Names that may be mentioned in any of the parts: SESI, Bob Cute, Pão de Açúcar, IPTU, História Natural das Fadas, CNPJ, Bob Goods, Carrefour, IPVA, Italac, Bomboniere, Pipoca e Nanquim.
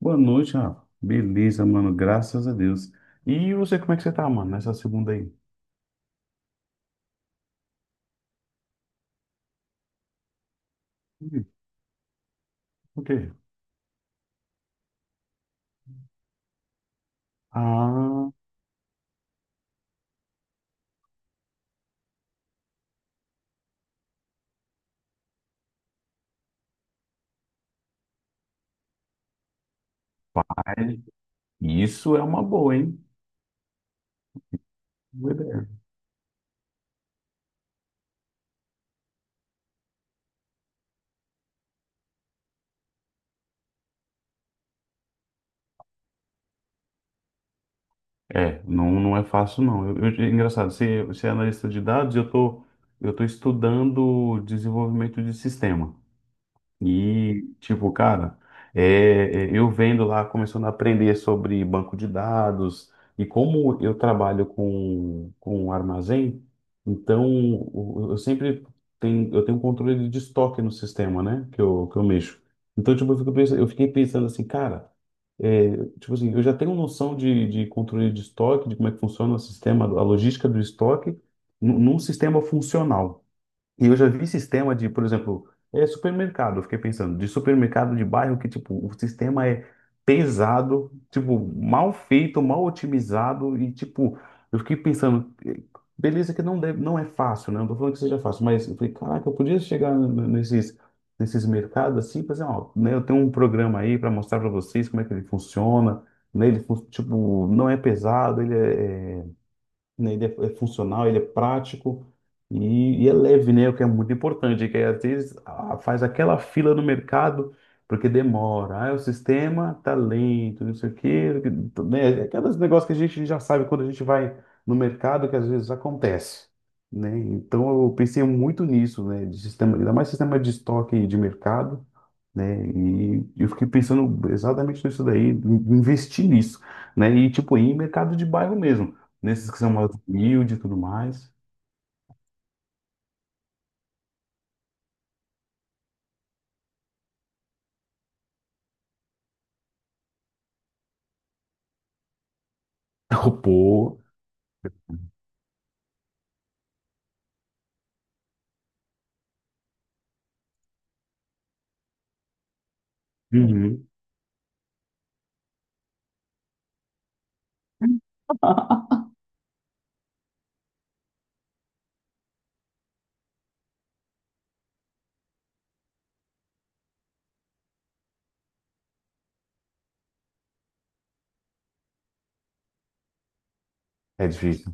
Boa noite, Rafa. Beleza, mano, graças a Deus. E você, como é que você tá, mano, nessa segunda aí? Hum, O quê? Ah, é. Isso é uma boa, hein? Boa ideia. É, não, não é fácil, não. É engraçado, você é analista de dados, eu tô estudando desenvolvimento de sistema. E, tipo, cara, é, eu vendo lá, começando a aprender sobre banco de dados e como eu trabalho com armazém, então eu sempre eu tenho um controle de estoque no sistema, né, que eu mexo. Então, tipo, eu fiquei pensando assim, cara, é, tipo assim, eu já tenho noção de controle de estoque, de como é que funciona o sistema, a logística do estoque, num sistema funcional. E eu já vi sistema de, por exemplo, é supermercado, eu fiquei pensando, de supermercado de bairro que, tipo, o sistema é pesado, tipo, mal feito, mal otimizado e, tipo, eu fiquei pensando, beleza que não deve, não é fácil, né? Não tô falando que seja fácil, mas eu falei, caraca, eu podia chegar nesses, nesses mercados assim, e fazer, ó, né, eu tenho um programa aí para mostrar para vocês como é que ele funciona, né? Ele, tipo, não é pesado, ele é né? Ele é, é funcional, ele é prático e é leve, né? O que é muito importante, que às vezes faz aquela fila no mercado porque demora. Ah, o sistema tá lento, não sei o quê, né? Aqueles negócios que a gente já sabe quando a gente vai no mercado que às vezes acontece. Né? Então eu pensei muito nisso, né? De sistema, ainda mais sistema de estoque de mercado, né? E eu fiquei pensando exatamente nisso daí, investir nisso, né? E tipo, ir em mercado de bairro mesmo. Nesses que são mais humildes e tudo mais. Pô, uhum. É difícil.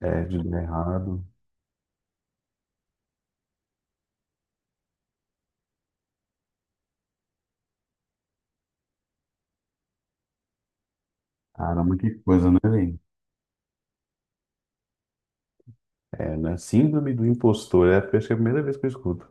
É, de dar errado. Caramba, que coisa, né, velho? É, né? Síndrome do impostor. É, acho que é a primeira vez que eu escuto.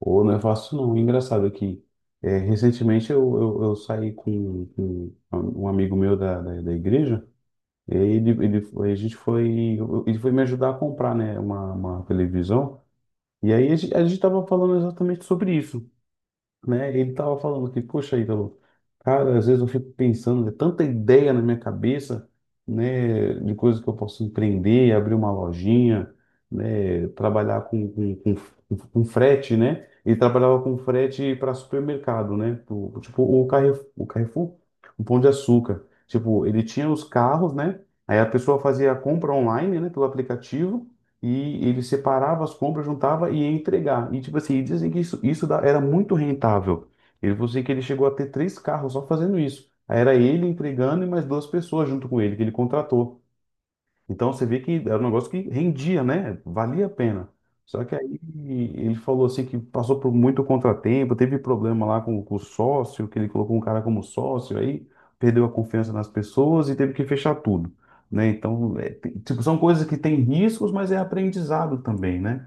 Ou não é fácil, não. Engraçado que é, recentemente eu, eu saí com um amigo meu da, da igreja. E aí a gente foi, ele foi me ajudar a comprar, né, uma televisão. E aí a gente tava falando exatamente sobre isso. Né? Ele tava falando que, poxa, Ítalo, cara, às vezes eu fico pensando, é tanta ideia na minha cabeça, né, de coisas que eu posso empreender, abrir uma lojinha, né, trabalhar com frete, né? Ele trabalhava com frete para supermercado, né? Tipo, o Carrefour, o Carrefour, o Pão de Açúcar. Tipo, ele tinha os carros, né? Aí a pessoa fazia a compra online, né, pelo aplicativo e ele separava as compras, juntava e ia entregar. E tipo assim, e dizem que isso era muito rentável. Ele falou assim que ele chegou a ter três carros só fazendo isso. Aí era ele entregando e mais duas pessoas junto com ele, que ele contratou. Então você vê que era um negócio que rendia, né? Valia a pena. Só que aí ele falou assim que passou por muito contratempo, teve problema lá com o sócio, que ele colocou um cara como sócio, aí perdeu a confiança nas pessoas e teve que fechar tudo, né? Então, é, tipo, são coisas que têm riscos, mas é aprendizado também, né?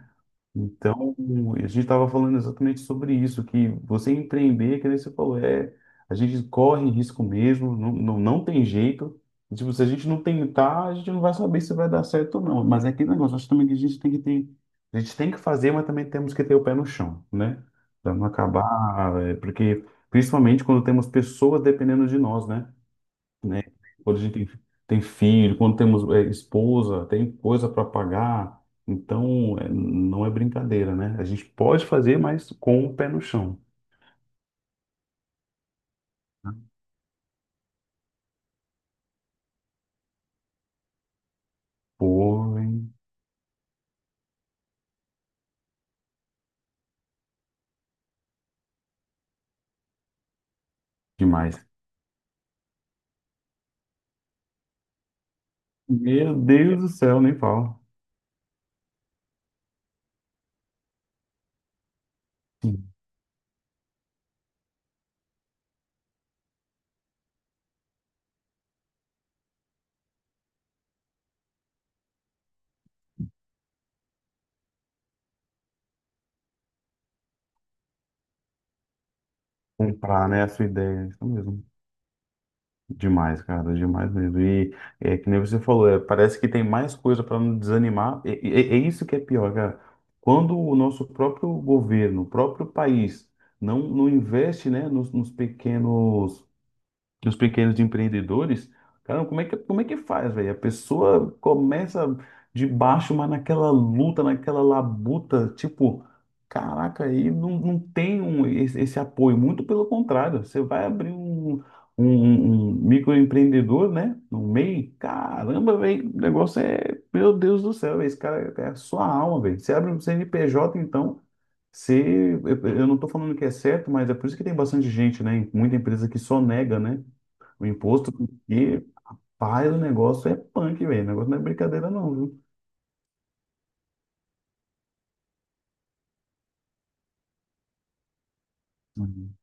Então, a gente estava falando exatamente sobre isso, que você empreender, que nem você falou, é, a gente corre risco mesmo, não tem jeito. E, tipo, se a gente não tentar, a gente não vai saber se vai dar certo ou não. Mas é aquele negócio, acho também que a gente tem que ter, a gente tem que fazer, mas também temos que ter o pé no chão, né? Para não acabar, é, porque principalmente quando temos pessoas dependendo de nós, né? Né? Quando a gente tem, tem filho, quando temos é, esposa, tem coisa para pagar. Então, é, não é brincadeira, né? A gente pode fazer, mas com o pé no chão. Pô, hein? Demais. Meu Deus do céu, nem fala. Sim, comprar, né? A sua ideia, isso mesmo. Demais, cara, demais mesmo. E é que nem você falou, é, parece que tem mais coisa para nos desanimar. E, é isso que é pior, cara. Quando o nosso próprio governo, o próprio país, não, não investe, né, nos, nos pequenos dos pequenos empreendedores, cara, como é que faz, velho? A pessoa começa de baixo, mas naquela luta, naquela labuta, tipo, caraca, aí não, não tem um, esse apoio, muito pelo contrário, você vai abrir um, um microempreendedor, né, no meio, caramba, velho, o negócio é, meu Deus do céu, véi, esse cara é a sua alma, velho. Você abre um CNPJ, então, se, eu não estou falando que é certo, mas é por isso que tem bastante gente, né? Muita empresa que só nega, né? O imposto que faz o negócio é punk, velho. O negócio não é brincadeira, não, viu? Uhum.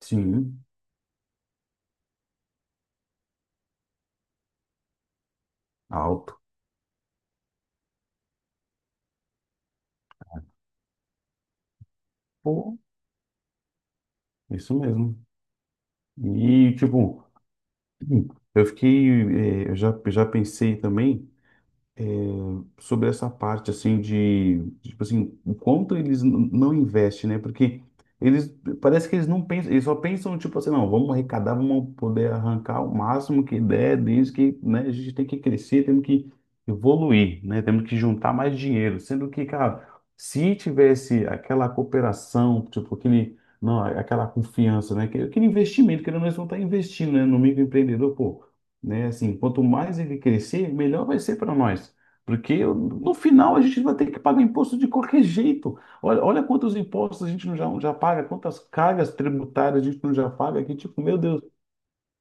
Sim, alto. Pô, isso mesmo. E, tipo, hum, eu fiquei. Eu já pensei também. É, sobre essa parte assim de, tipo assim, o quanto eles não investem, né? Porque eles parece que eles não pensam, eles só pensam tipo assim, não, vamos arrecadar, vamos poder arrancar o máximo que der, desde que, né, a gente tem que crescer, temos que evoluir, né? Temos que juntar mais dinheiro, sendo que, cara, se tivesse aquela cooperação, tipo aquele não, aquela confiança, né? Aquele investimento, que nós não, eles estar investindo, né? No microempreendedor, pô, né? Assim, quanto mais ele crescer, melhor vai ser para nós. Porque no final a gente vai ter que pagar imposto de qualquer jeito. Olha, olha quantos impostos a gente não já paga, quantas cargas tributárias a gente não já paga, que tipo, meu Deus,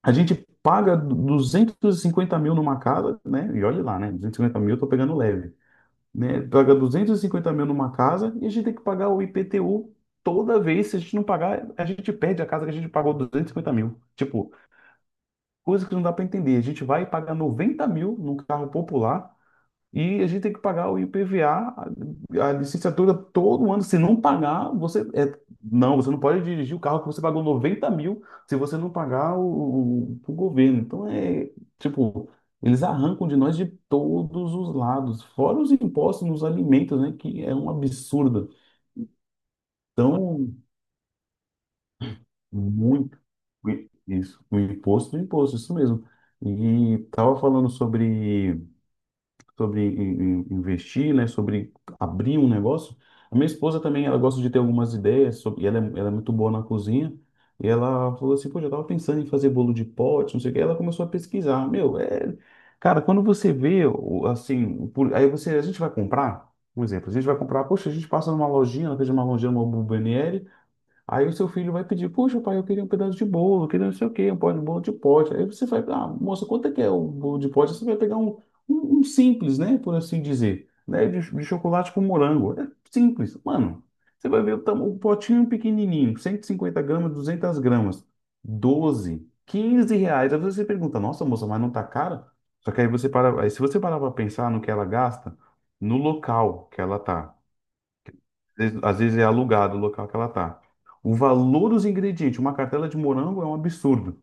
a gente paga 250.000 numa casa, né? E olha lá, né? 250.000 eu tô pegando leve, né? Paga 250 mil numa casa e a gente tem que pagar o IPTU toda vez. Se a gente não pagar, a gente perde a casa que a gente pagou 250.000. Tipo, coisa que não dá para entender. A gente vai pagar 90.000 num carro popular e a gente tem que pagar o IPVA, a licenciatura todo ano. Se não pagar, você é, não, você não pode dirigir o carro que você pagou 90.000 se você não pagar o governo. Então é tipo, eles arrancam de nós de todos os lados, fora os impostos nos alimentos, né? Que é um absurdo. Então, muito isso, o imposto do imposto, isso mesmo. E tava falando sobre sobre investir, né, sobre abrir um negócio. A minha esposa também, ela gosta de ter algumas ideias sobre, ela é muito boa na cozinha. E ela falou assim, pô, eu tava pensando em fazer bolo de pote, não sei o que. Ela começou a pesquisar. Meu, é, cara, quando você vê, assim, aí você, a gente vai comprar, um exemplo, a gente vai comprar, poxa, a gente passa numa lojinha, ela fez uma lojinha, uma Bomboniere, aí o seu filho vai pedir, puxa, pai, eu queria um pedaço de bolo, eu queria não sei o quê, um pó de bolo de pote. Aí você vai, ah, moça, quanto é que é o bolo de pote? Você vai pegar um, um simples, né, por assim dizer, né, de chocolate com morango. É simples, mano. Você vai ver o, o potinho pequenininho, 150 gramas, 200 gramas, 12, R$ 15. Aí você pergunta, nossa, moça, mas não tá caro? Só que aí você para, aí se você parar para pensar no que ela gasta, no local que ela tá. Às vezes é alugado o local que ela tá. O valor dos ingredientes, uma cartela de morango é um absurdo,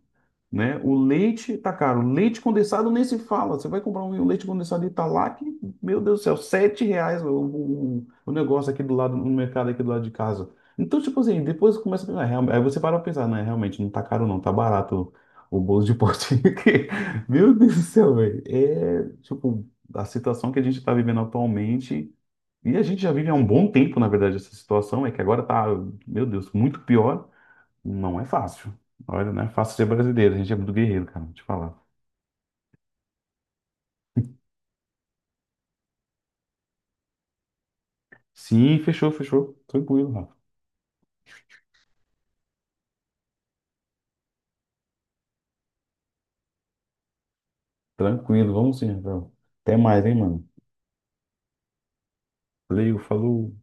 né? O leite tá caro, leite condensado nem se fala. Você vai comprar um leite condensado Italac, meu Deus do céu, R$ 7 o negócio aqui do lado, no mercado aqui do lado de casa. Então, tipo assim, depois começa a pensar, "Ah, aí você para pra pensar, né? Realmente não tá caro não, tá barato o bolo de potinho aqui. Meu Deus do céu, velho. É, tipo, a situação que a gente tá vivendo atualmente e a gente já vive há um bom tempo, na verdade, essa situação, é que agora tá, meu Deus, muito pior. Não é fácil. Olha, não é fácil ser brasileiro, a gente é muito guerreiro, cara, vou te falar. Sim, fechou, fechou. Tranquilo, Rafa. Tranquilo, vamos sim, Rafael. Até mais, hein, mano. Valeu, falou.